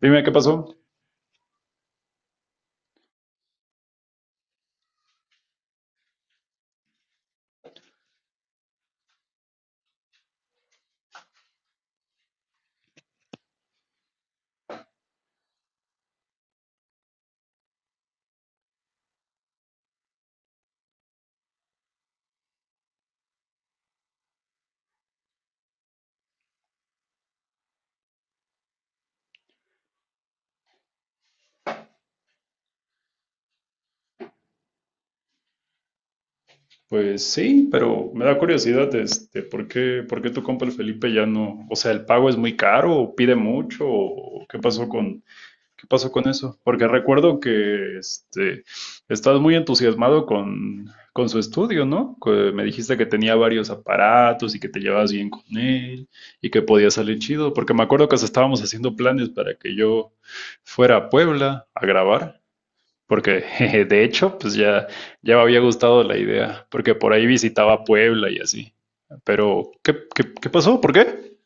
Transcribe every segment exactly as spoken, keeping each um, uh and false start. Dime qué pasó. Pues sí, pero me da curiosidad, este, ¿por qué, por qué tu compa el Felipe ya no? O sea, ¿el pago es muy caro o pide mucho? ¿O qué pasó con, qué pasó con eso? Porque recuerdo que este, estás muy entusiasmado con, con su estudio, ¿no? Que me dijiste que tenía varios aparatos y que te llevabas bien con él y que podía salir chido, porque me acuerdo que hasta estábamos haciendo planes para que yo fuera a Puebla a grabar. Porque jeje, de hecho, pues ya, ya me había gustado la idea, porque por ahí visitaba Puebla y así. Pero, ¿qué, qué, qué pasó? ¿Por qué?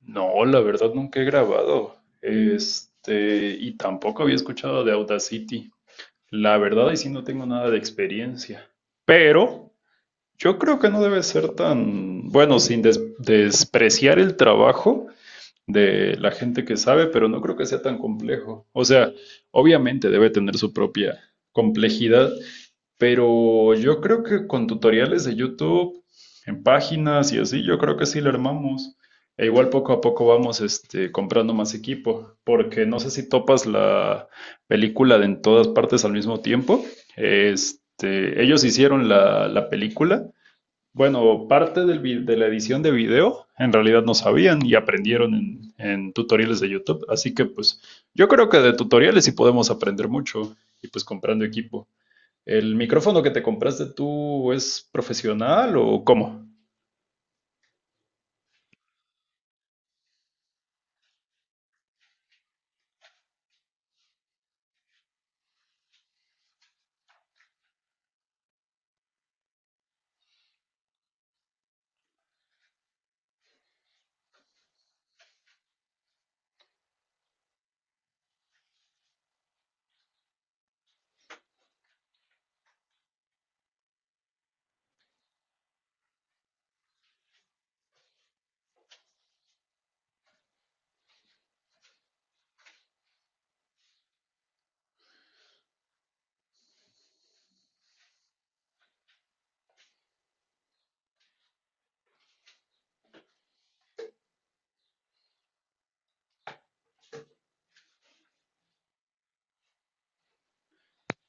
No, la verdad nunca he grabado. Este, y tampoco había escuchado de Audacity. La verdad, ahí sí no tengo nada de experiencia. Pero yo creo que no debe ser tan, bueno, sin des- despreciar el trabajo de la gente que sabe, pero no creo que sea tan complejo. O sea, obviamente debe tener su propia complejidad, pero yo creo que con tutoriales de YouTube, en páginas y así, yo creo que sí lo armamos. E igual poco a poco vamos este, comprando más equipo, porque no sé si topas la película de en todas partes al mismo tiempo. Este, ellos hicieron la, la película, bueno, parte del vi- de la edición de video en realidad no sabían y aprendieron en, en tutoriales de YouTube. Así que pues yo creo que de tutoriales sí podemos aprender mucho y pues comprando equipo. ¿El micrófono que te compraste tú es profesional o cómo?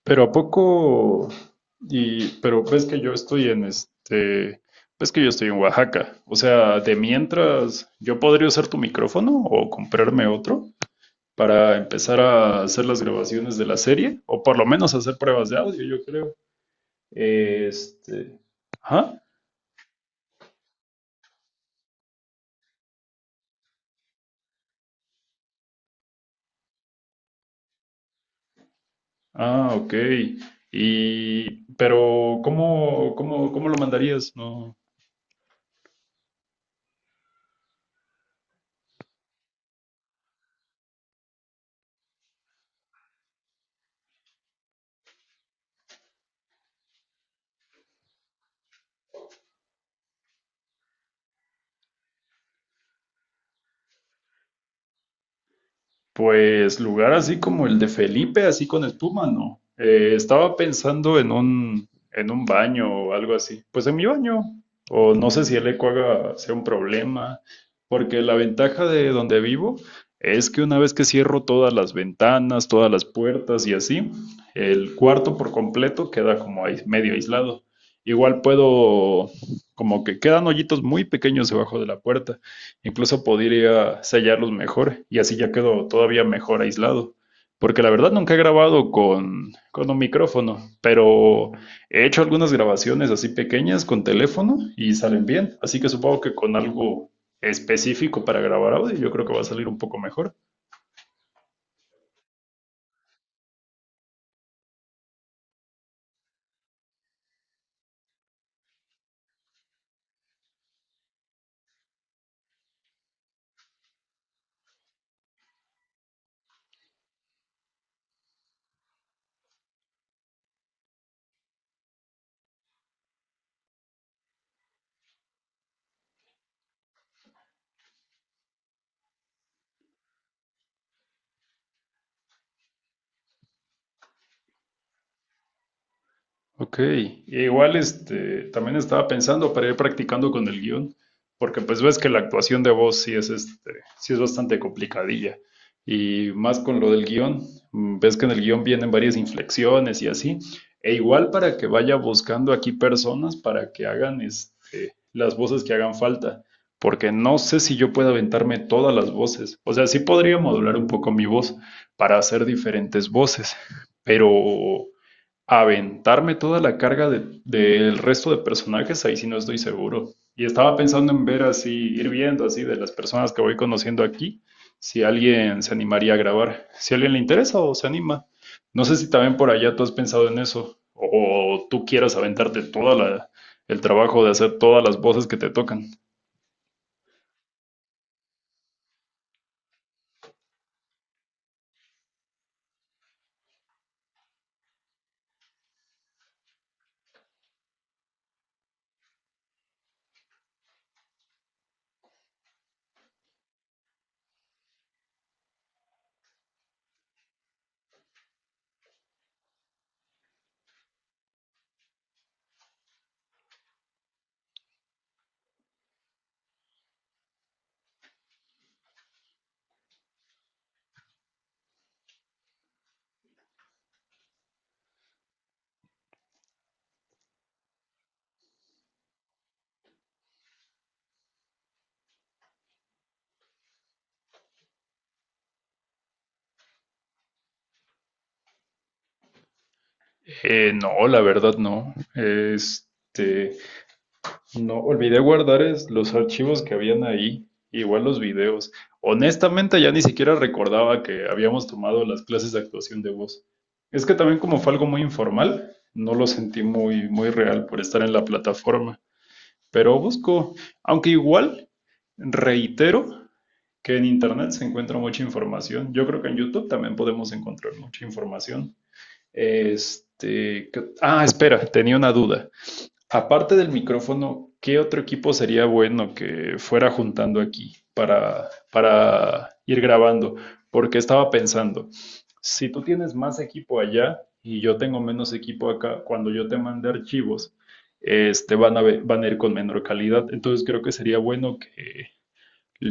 Pero a poco y pero ves que yo estoy en este ves que yo estoy en Oaxaca. O sea, de mientras yo podría usar tu micrófono o comprarme otro, para empezar a hacer las grabaciones de la serie, o por lo menos hacer pruebas de audio, yo creo. Este, ajá. Ah, ok. Y, pero, ¿cómo, cómo, cómo lo mandarías? No. Pues lugar así como el de Felipe, así con espuma, no. Eh, estaba pensando en un, en un baño o algo así. Pues en mi baño. O no sé si el eco haga, sea un problema. Porque la ventaja de donde vivo es que una vez que cierro todas las ventanas, todas las puertas y así, el cuarto por completo queda como ahí medio aislado. Igual puedo, como que quedan hoyitos muy pequeños debajo de la puerta. Incluso podría sellarlos mejor y así ya quedo todavía mejor aislado. Porque la verdad nunca he grabado con, con un micrófono, pero he hecho algunas grabaciones así pequeñas con teléfono y salen bien. Así que supongo que con algo específico para grabar audio yo creo que va a salir un poco mejor. Ok, igual este, también estaba pensando para ir practicando con el guión, porque pues ves que la actuación de voz sí es, este, sí es bastante complicadilla, y más con lo del guión, mm, ves que en el guión vienen varias inflexiones y así, e igual para que vaya buscando aquí personas para que hagan este, las voces que hagan falta, porque no sé si yo pueda aventarme todas las voces, o sea, sí podría modular un poco mi voz para hacer diferentes voces, pero aventarme toda la carga de- del resto de personajes, ahí sí no estoy seguro. Y estaba pensando en ver así, ir viendo así de las personas que voy conociendo aquí, si alguien se animaría a grabar, si a alguien le interesa o se anima. No sé si también por allá tú has pensado en eso, o tú quieras aventarte toda la, el trabajo de hacer todas las voces que te tocan. Eh, no, la verdad no. Este, no olvidé guardar es- los archivos que habían ahí, igual los videos. Honestamente, ya ni siquiera recordaba que habíamos tomado las clases de actuación de voz. Es que también como fue algo muy informal, no lo sentí muy, muy real por estar en la plataforma. Pero busco, aunque igual reitero que en internet se encuentra mucha información. Yo creo que en YouTube también podemos encontrar mucha información. Este, ¿qué... ah, espera, tenía una duda. Aparte del micrófono, ¿qué otro equipo sería bueno que fuera juntando aquí para, para ir grabando? Porque estaba pensando, si tú tienes más equipo allá y yo tengo menos equipo acá, cuando yo te mande archivos, este, van a ve- van a ir con menor calidad. Entonces creo que sería bueno que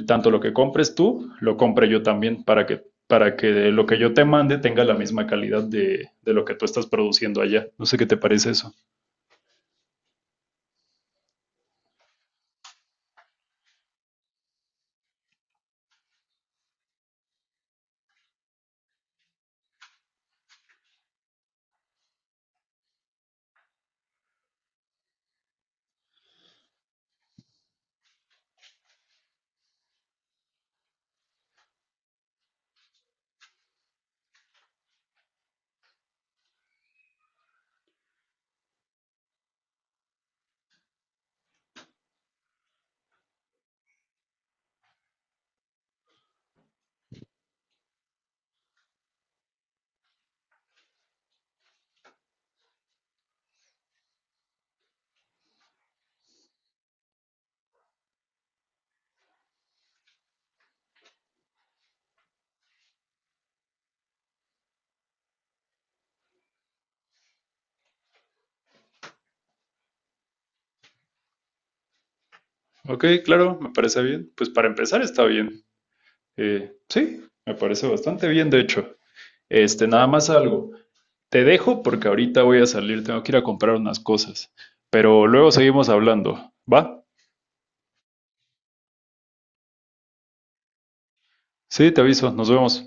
tanto lo que compres tú, lo compre yo también para que, para que lo que yo te mande tenga la misma calidad de, de lo que tú estás produciendo allá. No sé qué te parece eso. Ok, claro, me parece bien. Pues para empezar está bien. Eh, sí, me parece bastante bien, de hecho. Este, nada más algo. Te dejo porque ahorita voy a salir, tengo que ir a comprar unas cosas. Pero luego seguimos hablando. ¿Va? Sí, te aviso, nos vemos.